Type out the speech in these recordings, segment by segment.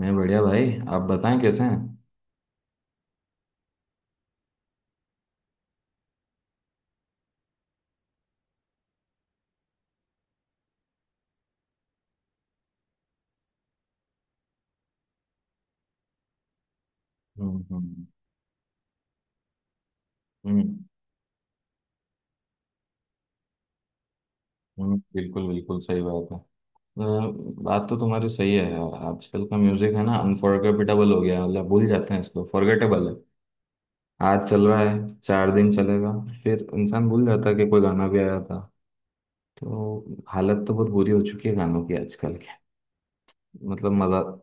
मैं बढ़िया भाई। आप बताएं, कैसे हैं? हम्म, हम्म, हम्म, बिल्कुल बिल्कुल सही बात है। अ, बात तो तुम्हारी सही है यार। आजकल का म्यूजिक है ना, अनफॉरगेटेबल हो गया है, मतलब भूल जाते हैं इसको, फॉरगेटेबल है। आज चल रहा है, 4 दिन चलेगा, फिर इंसान भूल जाता है कि कोई गाना भी आया था। तो हालत तो बहुत बुरी हो चुकी है गानों की आजकल के। मतलब मजा।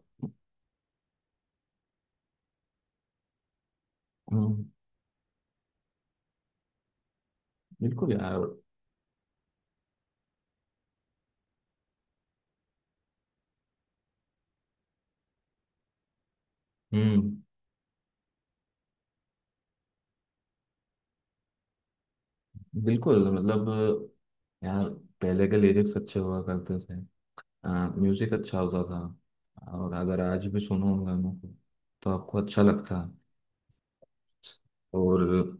हम्म, बिल्कुल यार। हम्म, बिल्कुल, मतलब यार, पहले के लिरिक्स अच्छे हुआ करते थे। म्यूजिक अच्छा होता था, और अगर आज भी सुनो उन गानों को तो आपको अच्छा लगता है। और। हम्म,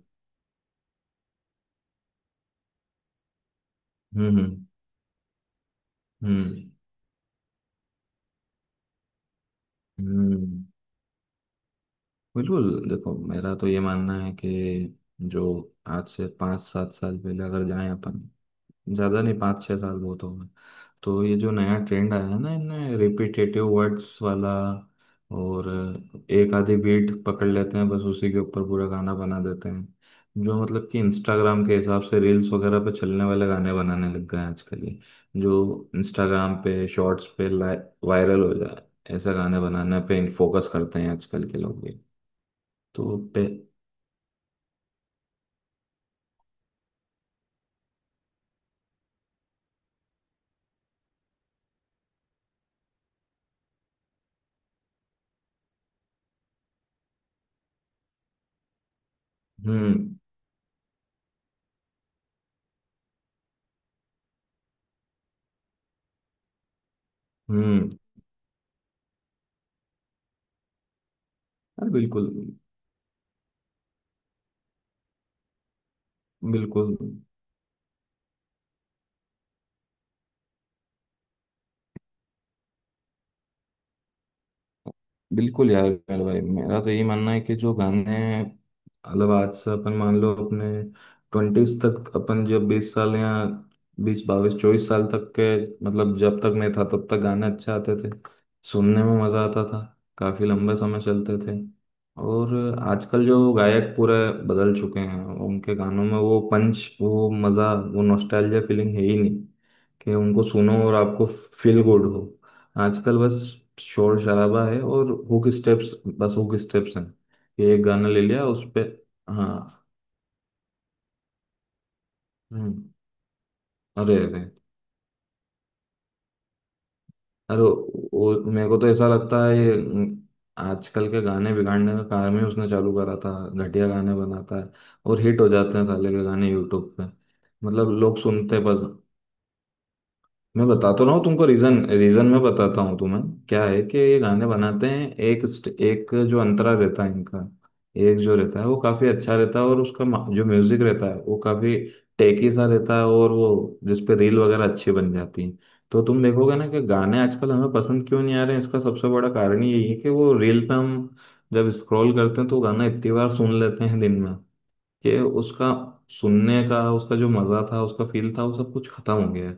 हम्म, हम्म, हम्म, बिल्कुल देखो, मेरा तो ये मानना है कि जो आज से 5-7 साल पहले अगर जाएं अपन, ज़्यादा नहीं, 5-6 साल बहुत हो गए। तो ये जो नया ट्रेंड आया है ना, इनमें रिपीटेटिव वर्ड्स वाला, और एक आधी बीट पकड़ लेते हैं, बस उसी के ऊपर पूरा गाना बना देते हैं। जो मतलब कि इंस्टाग्राम के हिसाब से रील्स वगैरह पे चलने वाले गाने बनाने लग गए हैं आजकल ये। जो इंस्टाग्राम पे शॉर्ट्स पे वायरल हो जाए, ऐसा गाने बनाने पे फोकस करते हैं आजकल के लोग भी। तो पे। हम्म, हम्म। अरे बिल्कुल, बिल्कुल बिल्कुल यार, यार भाई, मेरा तो यही मानना है कि जो गाने, मतलब आज से अपन मान लो, अपने ट्वेंटीज तक, अपन जब 20 साल या 20, 22, 24 साल तक के, मतलब जब तक मैं था तब तक गाने अच्छे आते थे। सुनने में मजा आता था, काफी लंबे समय चलते थे। और आजकल जो गायक पूरे बदल चुके हैं, उनके गानों में वो पंच, वो मजा, वो नॉस्टैल्जिया फीलिंग है ही नहीं कि उनको सुनो और आपको फील गुड हो। आजकल बस शोर शराबा है और हुक स्टेप्स, बस हुक स्टेप्स हैं। ये एक गाना ले लिया उस पे। हाँ। हम्म, अरे अरे। अरे मेरे को तो ऐसा लगता है ये। आजकल के गाने बिगाड़ने का काम ही उसने चालू करा था। घटिया गाने बनाता है और हिट हो जाते हैं साले के गाने यूट्यूब पे। मतलब लोग सुनते बस। मैं बताता रहा हूँ तुमको, रीजन रीजन मैं बताता हूँ तुम्हें। क्या है कि ये गाने बनाते हैं, एक एक जो अंतरा रहता है इनका, एक जो रहता है वो काफी अच्छा रहता है, और उसका जो म्यूजिक रहता है वो काफी टेकी सा रहता है, और वो जिसपे रील वगैरह अच्छी बन जाती है। तो तुम देखोगे ना कि गाने आजकल हमें पसंद क्यों नहीं आ रहे हैं, इसका सबसे बड़ा कारण ही यही है कि वो रील पे हम जब स्क्रॉल करते हैं तो गाना इतनी बार सुन लेते हैं दिन में कि उसका सुनने का, उसका जो मज़ा था, उसका फील था, वो सब कुछ ख़त्म हो गया है।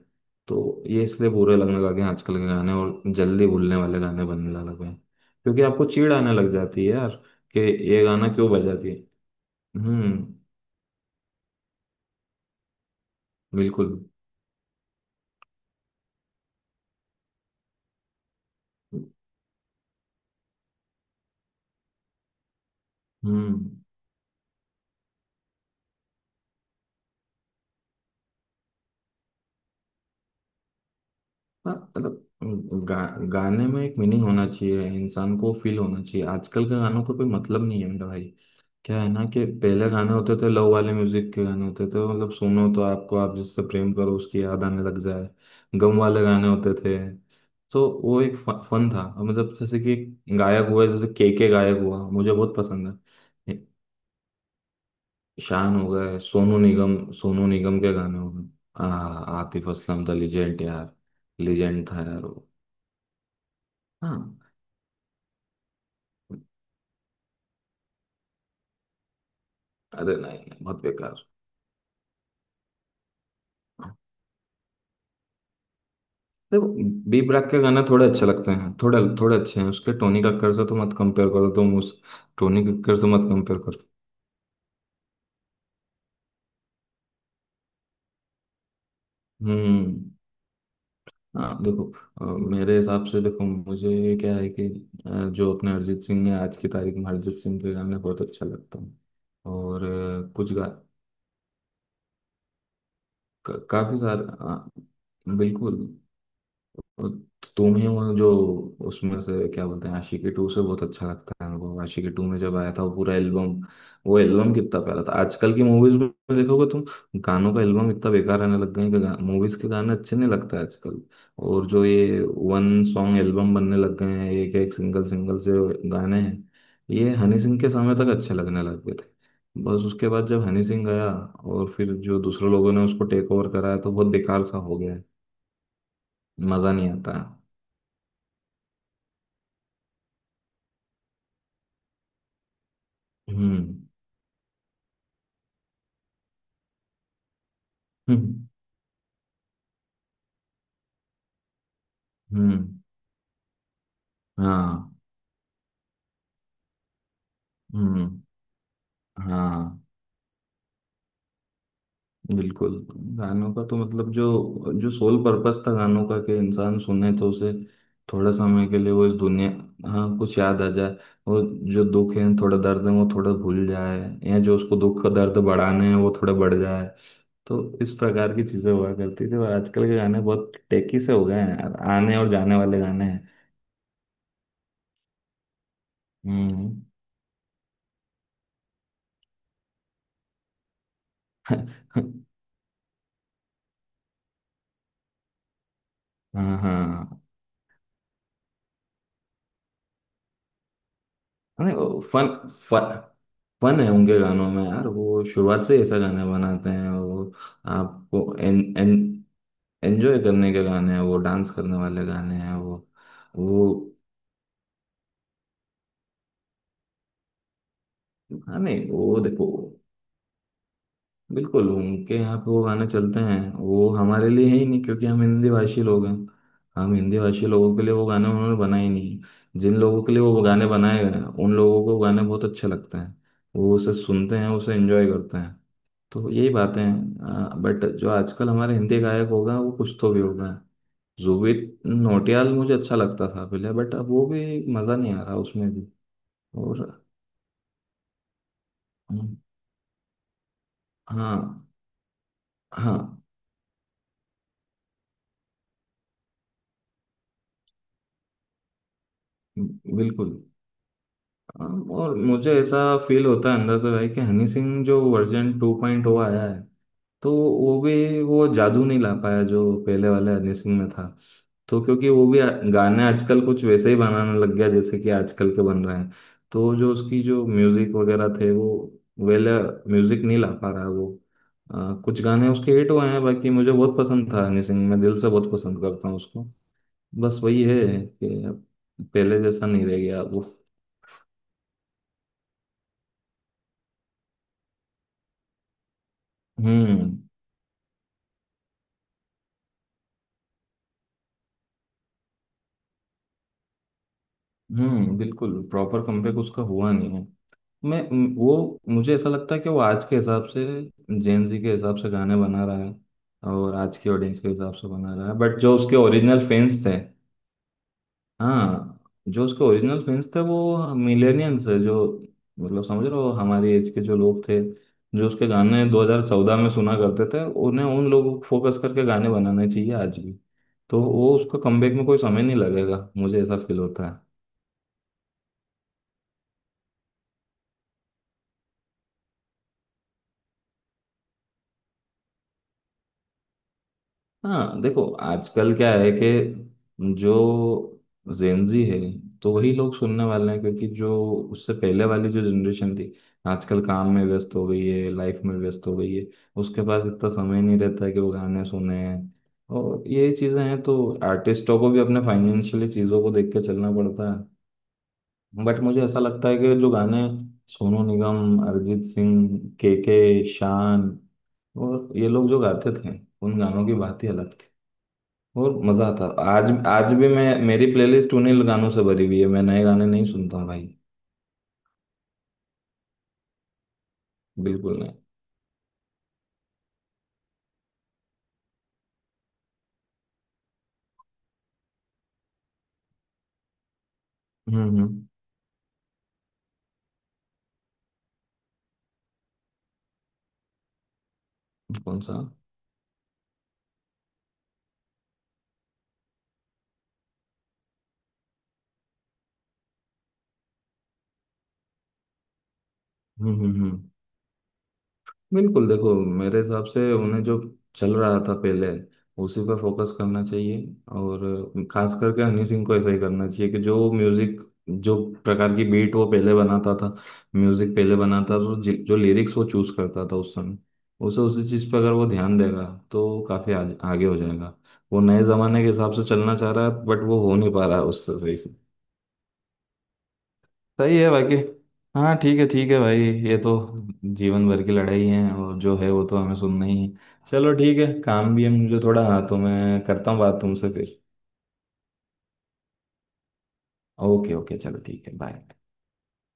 तो ये इसलिए बुरे लगने लगे हैं आजकल के गाने, और जल्दी भूलने वाले गाने बनने लगे हैं क्योंकि आपको चिढ़ आने लग जाती है यार कि ये गाना क्यों बजा दिए। हम्म, बिल्कुल। हम्म। हाँ, मतलब गा, गाने में एक मीनिंग होना चाहिए, इंसान को फील होना चाहिए। आजकल के गानों का कोई मतलब नहीं है मेरा भाई। क्या है ना कि पहले गाने होते थे, लव वाले म्यूजिक के गाने होते थे, मतलब सुनो तो आपको, आप जिससे प्रेम करो उसकी याद आने लग जाए। गम वाले गाने होते थे, तो वो एक फन था। अब मतलब जैसे कि गायक हुआ, जैसे के गायक हुआ मुझे बहुत पसंद है। शान हो गए, सोनू निगम, सोनू निगम के गाने हो गए। आतिफ असलम था लिजेंड यार। लिजेंड था यार वो। हाँ, अरे नहीं नहीं, बहुत बेकार। देखो, बी ब्रैक के गाना थोड़े अच्छे लगते हैं, थोड़े थोड़े अच्छे हैं उसके, टोनी कक्कर से तो मत कंपेयर करो तुम उस, टोनी कक्कर से मत कंपेयर करो। हम्म। हाँ देखो। अ, मेरे हिसाब से देखो, मुझे क्या है कि जो अपने अरिजीत सिंह है, आज की तारीख में अरिजीत सिंह के गाने बहुत अच्छा लगता है। और कुछ गा, काफी सारे, बिल्कुल। तो तुम ही हो जो उसमें से, क्या बोलते हैं, आशिकी टू से बहुत अच्छा लगता है मेरे को। आशिकी टू में जब आया था वो पूरा एल्बम, वो एल्बम कितना प्यारा था। आजकल की मूवीज में देखोगे तुम, गानों का एल्बम इतना बेकार आने लग गए हैं कि मूवीज के गाने अच्छे नहीं लगते आजकल। और जो ये वन सॉन्ग एल्बम बनने लग गए हैं, एक एक सिंगल सिंगल जो गाने हैं, ये हनी सिंह के समय तक अच्छे लगने लग गए थे, बस उसके बाद जब हनी सिंह गया और फिर जो दूसरे लोगों ने उसको टेक ओवर कराया, तो बहुत बेकार सा हो गया है। मजा नहीं आता। हम्म, हम्म, हम्म, हाँ, हम्म, हाँ, बिल्कुल। गानों का तो मतलब, जो जो सोल पर्पस था गानों का, कि इंसान सुने तो उसे थोड़ा समय के लिए वो इस दुनिया, हाँ कुछ याद आ जाए। और जो दुख है, थोड़ा दर्द है वो थोड़ा भूल जाए, या जो उसको दुख का दर्द बढ़ाने हैं वो थोड़ा बढ़ जाए। तो इस प्रकार की चीजें हुआ करती थी, और आजकल के गाने बहुत टेकी से हो गए हैं यार, आने और जाने वाले गाने हैं। हम्म। हाँ हाँ। नहीं वो फन फन फन है उनके गानों में यार, वो शुरुआत से ही ऐसा गाने बनाते हैं वो। आपको एन, एन, एंजॉय करने के गाने हैं वो, डांस करने वाले गाने हैं वो। वो, हाँ नहीं वो देखो, बिल्कुल उनके यहाँ पे वो गाने चलते हैं, वो हमारे लिए है ही नहीं क्योंकि हम हिंदी भाषी लोग हैं। हम हिंदी भाषी लोगों के लिए वो गाने उन्होंने बनाए ही नहीं, जिन लोगों के लिए वो गाने बनाए गए हैं उन लोगों को वो गाने बहुत अच्छे लगते हैं, वो उसे सुनते हैं उसे एंजॉय करते हैं। तो यही बातें हैं। बट जो आजकल हमारे हिंदी गायक होगा वो कुछ तो भी होगा। जुबिन नौटियाल मुझे अच्छा लगता था पहले, बट अब वो भी मज़ा नहीं आ रहा उसमें भी। और। हम्म, हाँ, हाँ, बिल्कुल। और मुझे ऐसा फील होता है अंदर से भाई कि हनी सिंह जो वर्जन 2.0 आया है, तो वो भी वो जादू नहीं ला पाया जो पहले वाले हनी सिंह में था। तो क्योंकि वो भी गाने आजकल कुछ वैसे ही बनाने लग गया जैसे कि आजकल के बन रहे हैं। तो जो उसकी जो म्यूजिक वगैरह थे, वो वेल म्यूजिक नहीं ला पा रहा है वो। कुछ गाने उसके हिट हुए हैं, बाकी मुझे बहुत पसंद था हनी सिंह, मैं दिल से बहुत पसंद करता हूँ उसको, बस वही है कि अब पहले जैसा नहीं रह गया अब वो। हम्म, हम्म, बिल्कुल प्रॉपर कमबैक उसका हुआ नहीं है। वो मुझे ऐसा लगता है कि वो आज के हिसाब से, जेन जी के हिसाब से गाने बना रहा है, और आज की ऑडियंस के हिसाब से बना रहा है। बट जो उसके ओरिजिनल फैंस थे, हाँ, जो उसके ओरिजिनल फैंस थे वो मिलेनियंस है। जो, मतलब समझ रहे हो, हमारी एज के जो लोग थे, जो उसके गाने 2014 में सुना करते थे, उन्हें उन लोगों को फोकस करके गाने बनाने चाहिए आज भी। तो वो उसका कमबैक में कोई समय नहीं लगेगा, मुझे ऐसा फील होता। हाँ देखो, आजकल क्या है कि जो जेनजी है, तो वही लोग सुनने वाले हैं क्योंकि जो उससे पहले वाली जो जनरेशन थी, आजकल काम में व्यस्त हो गई है, लाइफ में व्यस्त हो गई है, उसके पास इतना समय नहीं रहता है कि वो गाने सुने और यही चीज़ें हैं। तो आर्टिस्टों को भी अपने फाइनेंशियली चीज़ों को देख के चलना पड़ता है। बट मुझे ऐसा लगता है कि जो गाने सोनू निगम, अरिजीत सिंह, के, शान, और ये लोग जो गाते थे, उन गानों की बात ही अलग, और मजा आता। आज, आज भी मैं, मेरी प्लेलिस्ट उन्हीं गानों से भरी हुई है, मैं नए गाने नहीं सुनता हूँ भाई। बिल्कुल नहीं। हम्म, हम्म। कौन सा? हम्म, हम्म, हम्म, बिल्कुल देखो, मेरे हिसाब से उन्हें, जो चल रहा था पहले उसी पर फोकस करना चाहिए। और खास करके हनी सिंह को ऐसा ही करना चाहिए कि जो म्यूजिक, जो प्रकार की बीट वो पहले बनाता था, म्यूजिक पहले बनाता था, तो जो लिरिक्स वो चूज करता था उस समय, उसे उसी चीज पर अगर वो ध्यान देगा तो काफी आगे हो जाएगा। वो नए जमाने के हिसाब से चलना चाह रहा है, बट वो हो नहीं पा रहा है उससे सही से। सही है बाकी। हाँ ठीक है, ठीक है भाई। ये तो जीवन भर की लड़ाई है, और जो है वो तो हमें सुनना ही है। चलो ठीक है, काम भी है मुझे थोड़ा, तो मैं करता हूँ बात तुमसे फिर। ओके ओके, चलो ठीक है, बाय।